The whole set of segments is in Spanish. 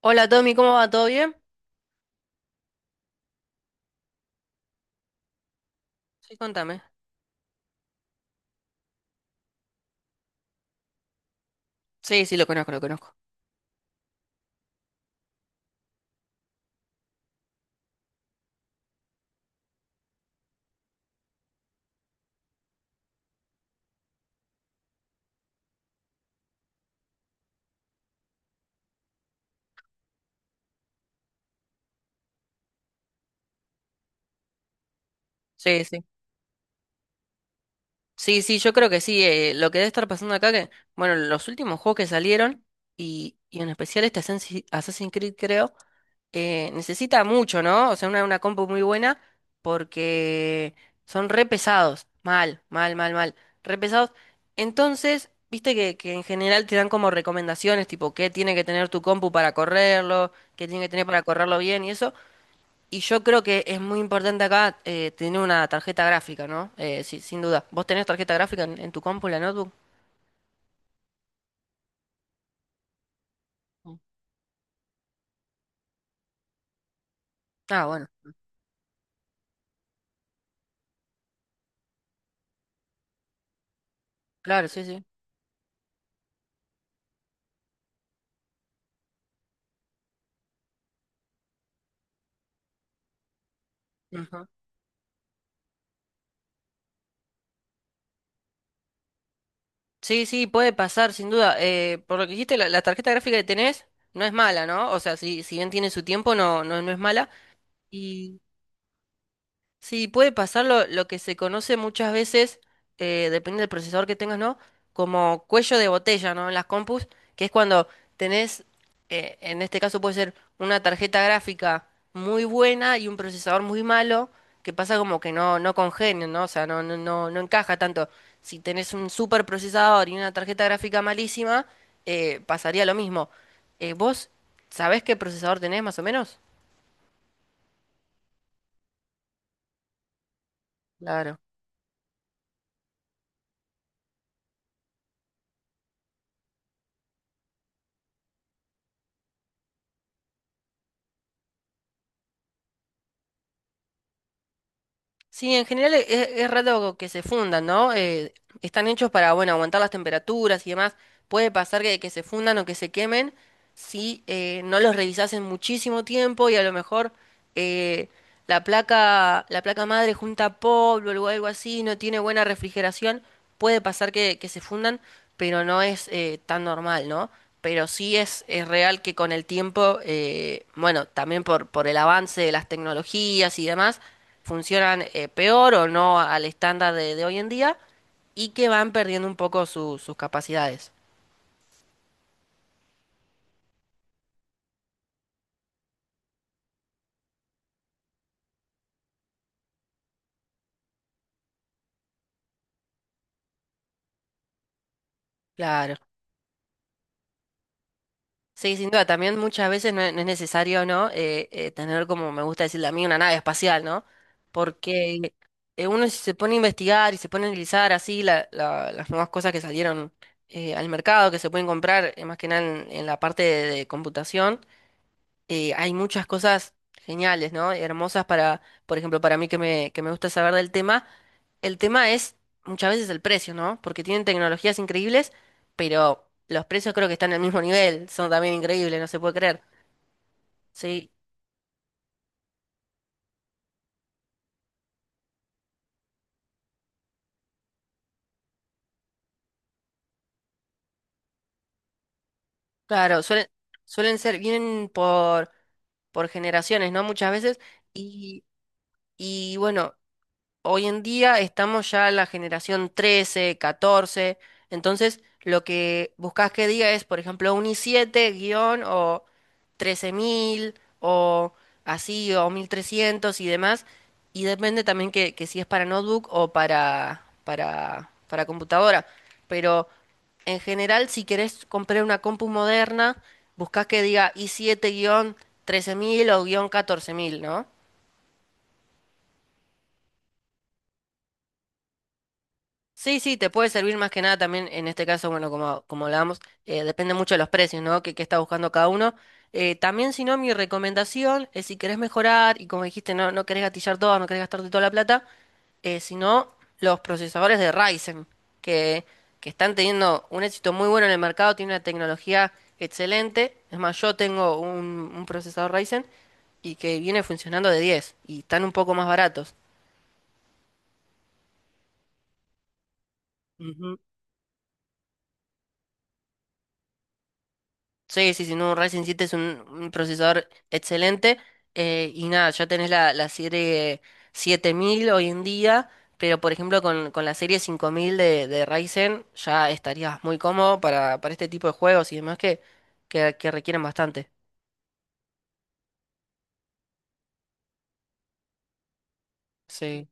Hola Tommy, ¿cómo va? ¿Todo bien? Sí, contame. Sí, sí, lo conozco, lo conozco. Sí, sí. Sí, sí, yo creo que sí. Lo que debe estar pasando acá, que bueno, los últimos juegos que salieron, y en especial este Assassin's Creed, creo, necesita mucho, ¿no? O sea, una compu muy buena porque son re pesados. Mal, mal, mal, mal. Re pesados. Entonces, viste que, en general te dan como recomendaciones, tipo, qué tiene que tener tu compu para correrlo, qué tiene que tener para correrlo bien y eso. Y yo creo que es muy importante acá tener una tarjeta gráfica, ¿no? Sí, sin duda. ¿Vos tenés tarjeta gráfica en, tu compu, en la notebook? Mm. Ah, bueno, claro, sí, sí. Ujú. Sí, sí, puede pasar, sin duda. Por lo que dijiste, la tarjeta gráfica que tenés no es mala, ¿no? O sea, si bien tiene su tiempo, no, no, no es mala. Sí, puede pasar lo que se conoce muchas veces, depende del procesador que tengas, ¿no? Como cuello de botella, ¿no? En las compus, que es cuando tenés, en este caso puede ser una tarjeta gráfica muy buena y un procesador muy malo, que pasa como que no, no congenian, ¿no? O sea, no, no, no, no encaja tanto. Si tenés un super procesador y una tarjeta gráfica malísima, pasaría lo mismo. ¿Vos sabés qué procesador tenés más o menos? Claro. Sí, en general es raro que se fundan, ¿no? Están hechos para, bueno, aguantar las temperaturas y demás. Puede pasar que, se fundan o que se quemen si no los revisás en muchísimo tiempo y a lo mejor eh, la placa, madre junta polvo o algo así, no tiene buena refrigeración. Puede pasar que, se fundan, pero no es tan normal, ¿no? Pero sí es, real que con el tiempo, bueno, también por, el avance de las tecnologías y demás, funcionan peor o no al estándar de hoy en día y que van perdiendo un poco sus capacidades. Claro. Sí, sin duda, también muchas veces no es, necesario, ¿no? Tener, como me gusta decirle a mí, una nave espacial, ¿no? Porque uno si se pone a investigar y se pone a analizar así las nuevas cosas que salieron al mercado, que se pueden comprar, más que nada en, la parte de, computación, hay muchas cosas geniales, ¿no? Hermosas para, por ejemplo, para mí que que me gusta saber del tema. El tema es muchas veces el precio, ¿no? Porque tienen tecnologías increíbles, pero los precios creo que están al mismo nivel. Son también increíbles, no se puede creer. Sí, claro, suelen ser, vienen por, generaciones, ¿no? Muchas veces. Y, y bueno. Hoy en día estamos ya en la generación 13, 14, entonces lo que buscas que diga es, por ejemplo, un i siete guión o 13000 o así, o 1300 y demás, y depende también que, si es para notebook o para, computadora, pero en general si querés comprar una compu moderna, buscas que diga i siete guión 13000 o guión 14000, ¿no? Sí, sí, te puede servir más que nada también en este caso, bueno, como hablábamos, depende mucho de los precios, ¿no? Que está buscando cada uno. También, si no, mi recomendación es si querés mejorar y como dijiste, no, no querés gatillar todo, no querés gastarte toda la plata, si no, los procesadores de Ryzen, que, están teniendo un éxito muy bueno en el mercado, tienen una tecnología excelente. Es más, yo tengo un, procesador Ryzen y que viene funcionando de 10 y están un poco más baratos. Sí, sí, sí, no, un Ryzen siete es un, procesador excelente. Y nada, ya tenés la, serie 7000 hoy en día, pero por ejemplo con, la serie cinco mil de, Ryzen ya estarías muy cómodo para, este tipo de juegos y demás que, requieren bastante. Sí.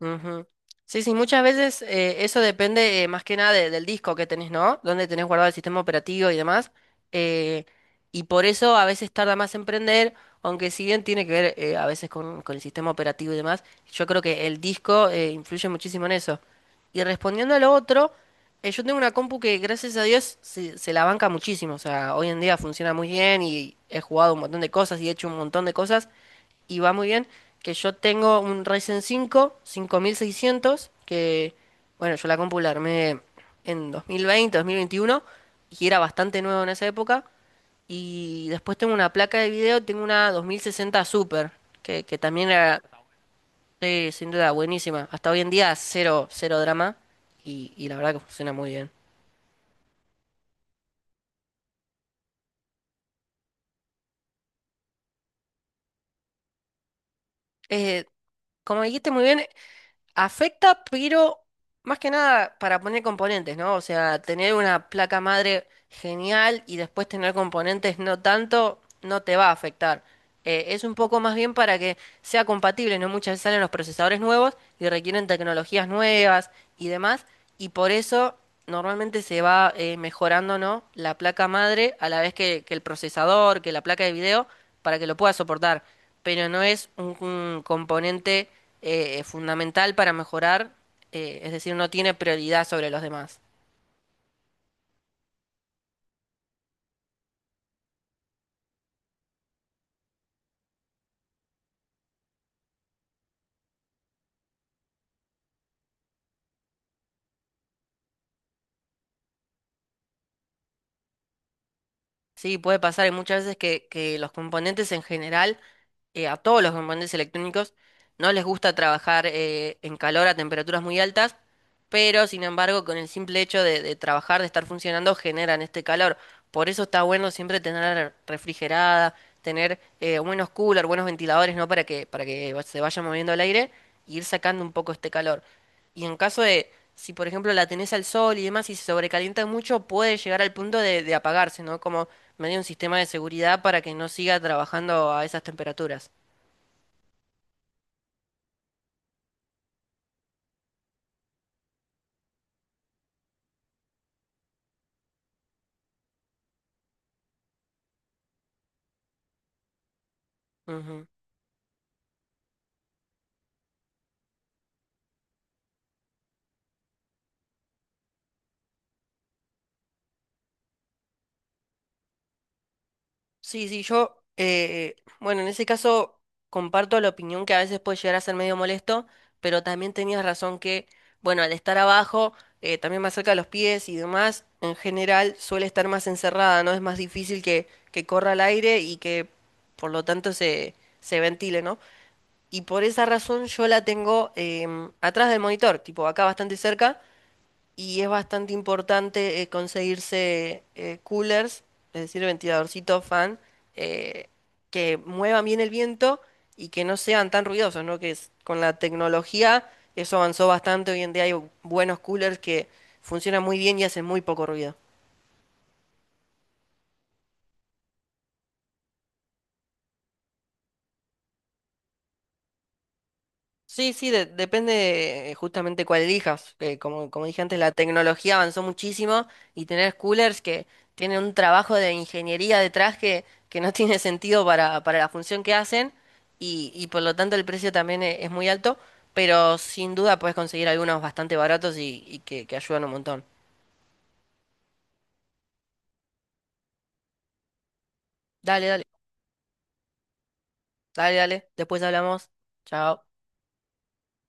Ujú. Sí, sí, muchas veces eso depende más que nada del disco que tenés, ¿no? Donde tenés guardado el sistema operativo y demás. eh, y por eso a veces tarda más en prender, aunque si bien tiene que ver a veces con, el sistema operativo y demás, yo creo que el disco influye muchísimo en eso. Y respondiendo a lo otro, yo tengo una compu que gracias a Dios se, la banca muchísimo. O sea, hoy en día funciona muy bien y he jugado un montón de cosas y he hecho un montón de cosas y va muy bien, que yo tengo un Ryzen cinco cinco mil seiscientos que bueno, yo la compu la armé en 2020 2021 y era bastante nuevo en esa época. Y después tengo una placa de video, tengo una dos mil sesenta Super, que, también era, sí, sin duda, buenísima. Hasta hoy en día, cero, cero drama, y la verdad que funciona muy bien. Eh, como dijiste muy bien, afecta, pero más que nada para poner componentes, ¿no? O sea, tener una placa madre genial y después tener componentes no tanto, no te va a afectar. Es un poco más bien para que sea compatible, ¿no? Muchas veces salen los procesadores nuevos y requieren tecnologías nuevas y demás, y por eso normalmente se va mejorando, ¿no? La placa madre a la vez que, el procesador, que la placa de video, para que lo pueda soportar, pero no es un, componente fundamental para mejorar, es decir, no tiene prioridad sobre los demás. Sí, puede pasar, y muchas veces que, los componentes en general, a todos los componentes electrónicos, no les gusta trabajar en calor a temperaturas muy altas, pero sin embargo con el simple hecho de, trabajar, de estar funcionando, generan este calor. Por eso está bueno siempre tener refrigerada, tener buenos coolers, buenos ventiladores, ¿no? Para que se vaya moviendo el aire y ir sacando un poco este calor. Y en caso de, si por ejemplo la tenés al sol y demás y se sobrecalienta mucho, puede llegar al punto de, apagarse, ¿no? Como medio un sistema de seguridad para que no siga trabajando a esas temperaturas. Ujú. Sí, sí, yo, bueno, en ese caso comparto la opinión que a veces puede llegar a ser medio molesto, pero también tenías razón que, bueno, al estar abajo, también más cerca de los pies y demás, en general suele estar más encerrada, ¿no? Es más difícil que, corra el aire y que por lo tanto se, ventile, ¿no? Y por esa razón yo la tengo atrás del monitor, tipo acá bastante cerca, y es bastante importante conseguirse coolers, es decir, ventiladorcitos fan, eh, que muevan bien el viento y que no sean tan ruidosos, ¿no? Con la tecnología eso avanzó bastante, hoy en día hay buenos coolers que funcionan muy bien y hacen muy poco ruido. Sí, sí, depende justamente cuál elijas. Que como dije antes, la tecnología avanzó muchísimo y tener coolers que tienen un trabajo de ingeniería detrás que, no tiene sentido para, la función que hacen y por lo tanto el precio también es muy alto, pero sin duda puedes conseguir algunos bastante baratos y que, ayudan un montón. Dale, dale, dale, dale. Después hablamos. Chao.